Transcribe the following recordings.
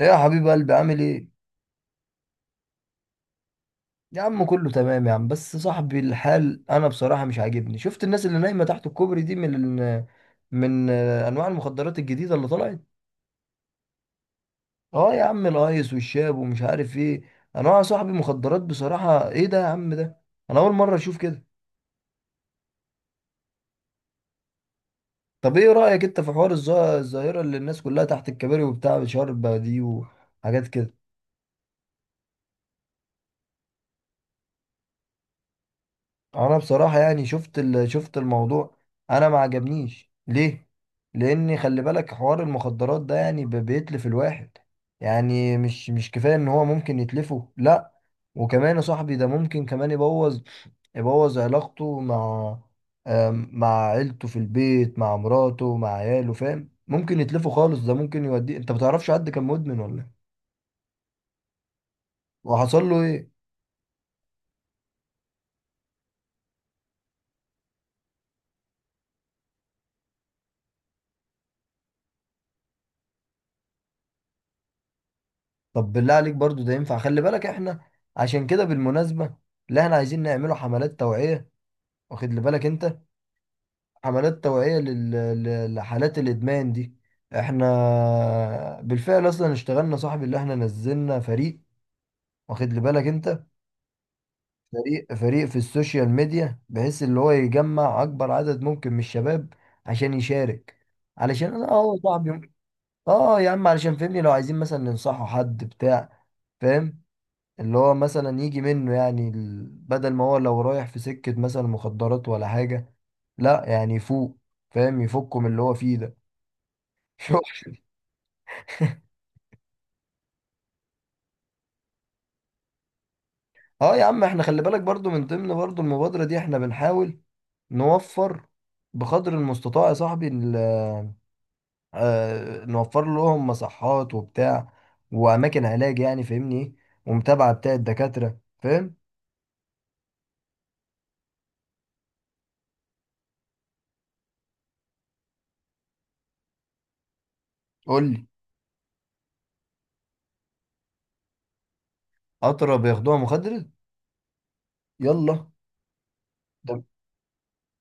ايه يا حبيب قلبي، عامل ايه؟ يا عم كله تمام يا عم. بس صاحبي الحال انا بصراحة مش عاجبني. شفت الناس اللي نايمة تحت الكوبري دي من انواع المخدرات الجديدة اللي طلعت. اه يا عم، الايس والشاب ومش عارف ايه انواع يا صاحبي مخدرات. بصراحة ايه ده يا عم ده؟ انا اول مرة اشوف كده. طب ايه رأيك انت في حوار الظاهرة اللي الناس كلها تحت الكباري وبتاع بشرب دي وحاجات كده؟ انا بصراحه يعني شفت شفت الموضوع. انا ما عجبنيش ليه؟ لان خلي بالك حوار المخدرات ده يعني بيتلف الواحد. يعني مش كفايه ان هو ممكن يتلفه، لا، وكمان يا صاحبي ده ممكن كمان يبوظ، يبوظ علاقته مع مع عيلته في البيت، مع مراته، مع عياله. فاهم؟ ممكن يتلفه خالص، ده ممكن يوديه. انت ما تعرفش حد كان مدمن ولا إيه؟ وحصل له ايه؟ طب بالله عليك برضو ده ينفع؟ خلي بالك احنا عشان كده بالمناسبة اللي احنا عايزين نعمله حملات توعية، واخد لي بالك انت؟ حملات توعية لل... لحالات الادمان دي. احنا بالفعل اصلا اشتغلنا صاحبي، اللي احنا نزلنا فريق، واخد لي بالك انت؟ فريق في السوشيال ميديا بحيث اللي هو يجمع اكبر عدد ممكن من الشباب عشان يشارك. علشان انا اه يا صاحبي، اه يا عم، علشان فهمني لو عايزين مثلا ننصحه حد بتاع، فاهم؟ اللي هو مثلا يجي منه، يعني بدل ما هو لو رايح في سكة مثلا مخدرات ولا حاجة، لا، يعني يفوق، فاهم؟ يفكه من اللي هو فيه ده. اه يا عم، احنا خلي بالك برضو من ضمن برضو المبادرة دي احنا بنحاول نوفر بقدر المستطاع يا صاحبي، نوفر لهم مصحات وبتاع وأماكن علاج يعني، فاهمني ايه؟ ومتابعة بتاع الدكاترة، فاهم؟ قول لي. أطرى بياخدوها مخدرات؟ يلا. ده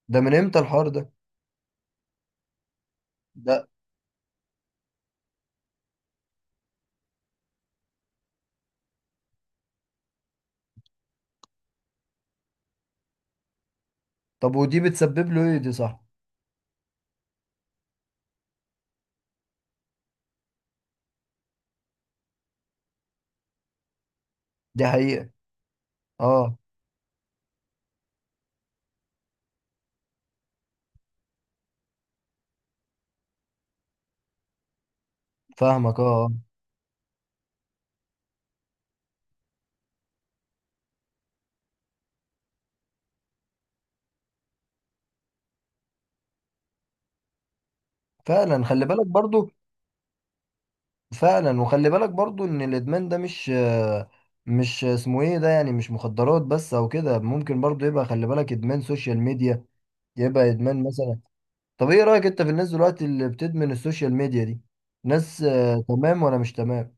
ده من امتى الحوار ده؟ ده طب ودي بتسبب له ايه دي؟ صح، دي حقيقة. اه فاهمك اه آه. فعلا خلي بالك برضو. فعلا وخلي بالك برضو ان الادمان ده مش مش اسمه ايه ده، يعني مش مخدرات بس او كده. ممكن برضو يبقى خلي بالك ادمان سوشيال ميديا، يبقى ادمان مثلا. طب ايه رأيك انت في الناس دلوقتي اللي بتدمن السوشيال ميديا دي؟ ناس تمام ولا مش تمام؟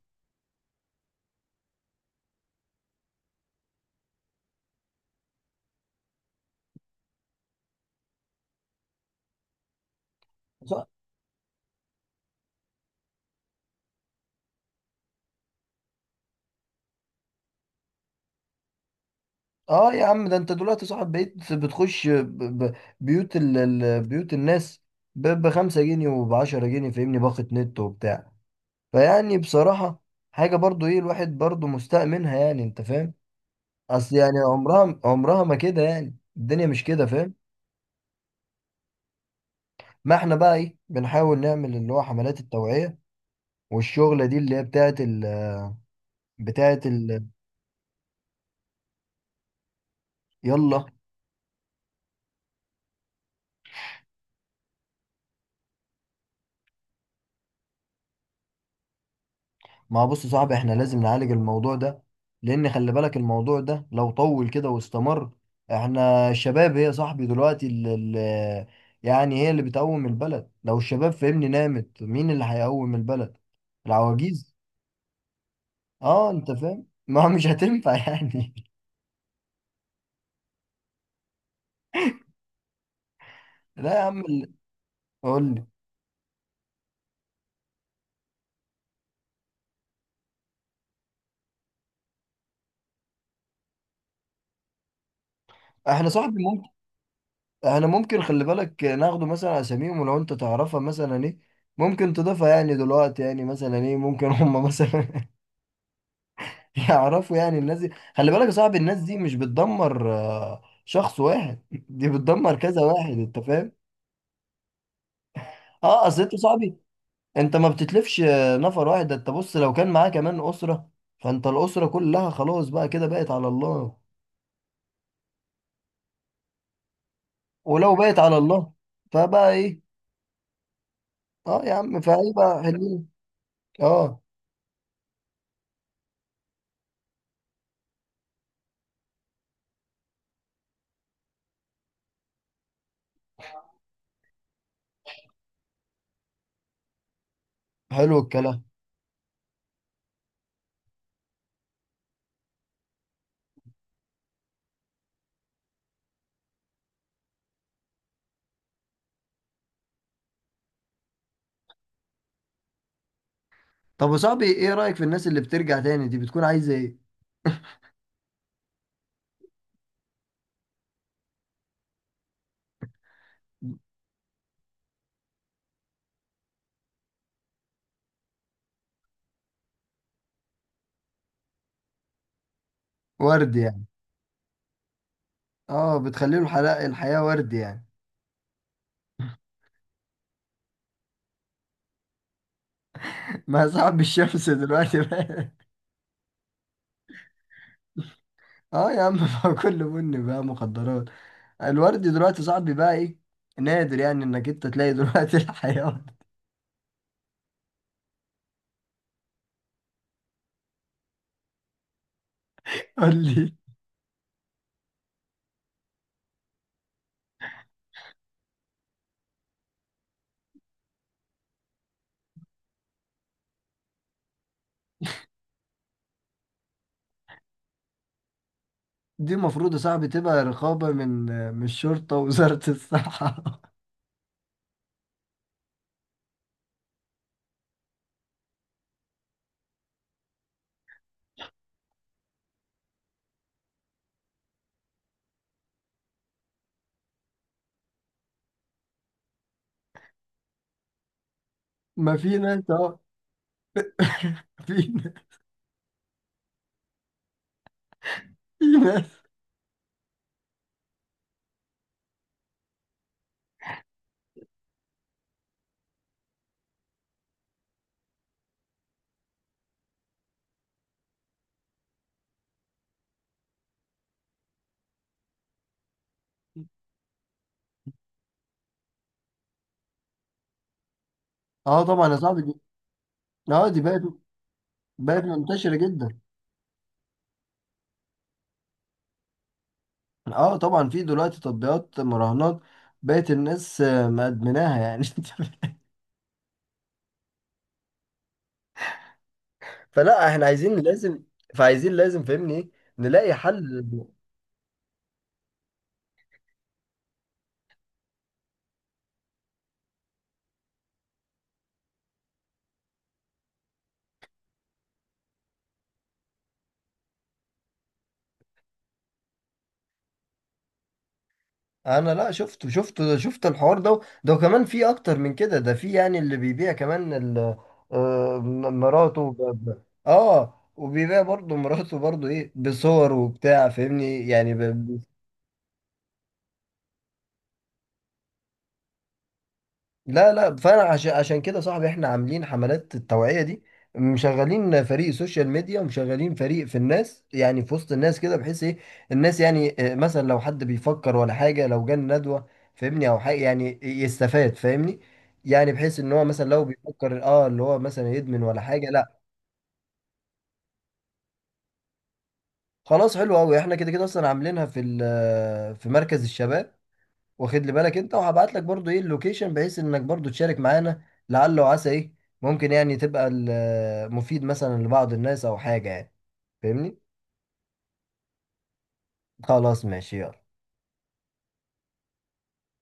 اه يا عم، ده انت دلوقتي صاحب بقيت بتخش بيوت بيوت الناس بخمسة جنيه وبعشرة جنيه، فاهمني؟ باقة نت وبتاع. فيعني بصراحة حاجة برضو ايه الواحد برضو مستاء منها، يعني انت فاهم؟ اصل يعني عمرها ما كده، يعني الدنيا مش كده، فاهم؟ ما احنا بقى ايه بنحاول نعمل اللي هو حملات التوعية والشغلة دي اللي هي بتاعت ال... بتاعت ال... يلا. ما هو بص يا صاحبي، احنا لازم نعالج الموضوع ده، لان خلي بالك الموضوع ده لو طول كده واستمر، احنا الشباب هي يا صاحبي دلوقتي اللي، يعني هي اللي بتقوم البلد. لو الشباب فهمني نامت، مين اللي هيقوم البلد؟ العواجيز؟ اه انت فاهم. ما مش هتنفع يعني. لا يا عم ال-. قول لي. احنا صاحبي ممكن، احنا ممكن خلي بالك ناخده مثلا اساميهم ولو انت تعرفها مثلا ايه ممكن تضيفها، يعني دلوقتي يعني مثلا ايه ممكن هم مثلا يعرفوا يعني الناس دي. خلي بالك يا صاحبي الناس دي مش بتدمر شخص واحد، دي بتدمر كذا واحد، انت فاهم؟ اه اصل انت صاحبي، انت ما بتتلفش نفر واحد ده، انت بص لو كان معاه كمان اسرة، فانت الاسرة كلها خلاص بقى كده بقت على الله. ولو بقت على الله فبقى ايه؟ اه يا عم، فهيبقى حلوين. اه حلو الكلام. طب يا صاحبي ايه رأيك في الناس اللي بترجع تاني دي؟ بتكون عايزة ايه؟ ورد يعني؟ اه بتخلي له الحياة، الحياة ورد يعني. ما صاحب الشمس دلوقتي بقى. اه يا عم. ما هو كله بني بقى مخدرات. الورد دلوقتي صاحبي بقى ايه؟ نادر، يعني انك انت تلاقي دلوقتي الحيوان. قول لي. دي المفروض يا صاحبي تبقى رقابة من من الشرطة ووزارة الصحة. ما في ناس اه، في ناس، في ناس. اه طبعا يا صاحبي دي، اه دي بقت، بقت منتشرة جدا. اه طبعا في دلوقتي تطبيقات مراهنات بقت الناس مدمناها يعني. فلا احنا عايزين لازم، فعايزين لازم فاهمني ايه؟ نلاقي حل. انا لا شفت شفت الحوار ده. ده كمان في اكتر من كده، ده في يعني اللي بيبيع كمان مراته وبيبيع برضه مراته برضه ايه بصور وبتاع، فاهمني يعني. لا لا، فانا عشان كده صاحبي احنا عاملين حملات التوعية دي، مشغلين فريق سوشيال ميديا ومشغلين فريق في الناس، يعني في وسط الناس كده، بحيث ايه الناس يعني مثلا لو حد بيفكر ولا حاجة، لو جه ندوة فاهمني او حاجة يعني يستفاد، فاهمني؟ يعني بحيث ان هو مثلا لو بيفكر اه اللي هو مثلا يدمن ولا حاجة، لا. خلاص حلو قوي، احنا كده كده اصلا عاملينها في في مركز الشباب، واخد لي بالك انت؟ وهبعت لك برضو ايه اللوكيشن بحيث انك برضو تشارك معانا، لعل وعسى ايه، ممكن يعني تبقى ال- مفيد مثلا لبعض الناس او حاجة يعني، فاهمني؟ خلاص ماشي يلا.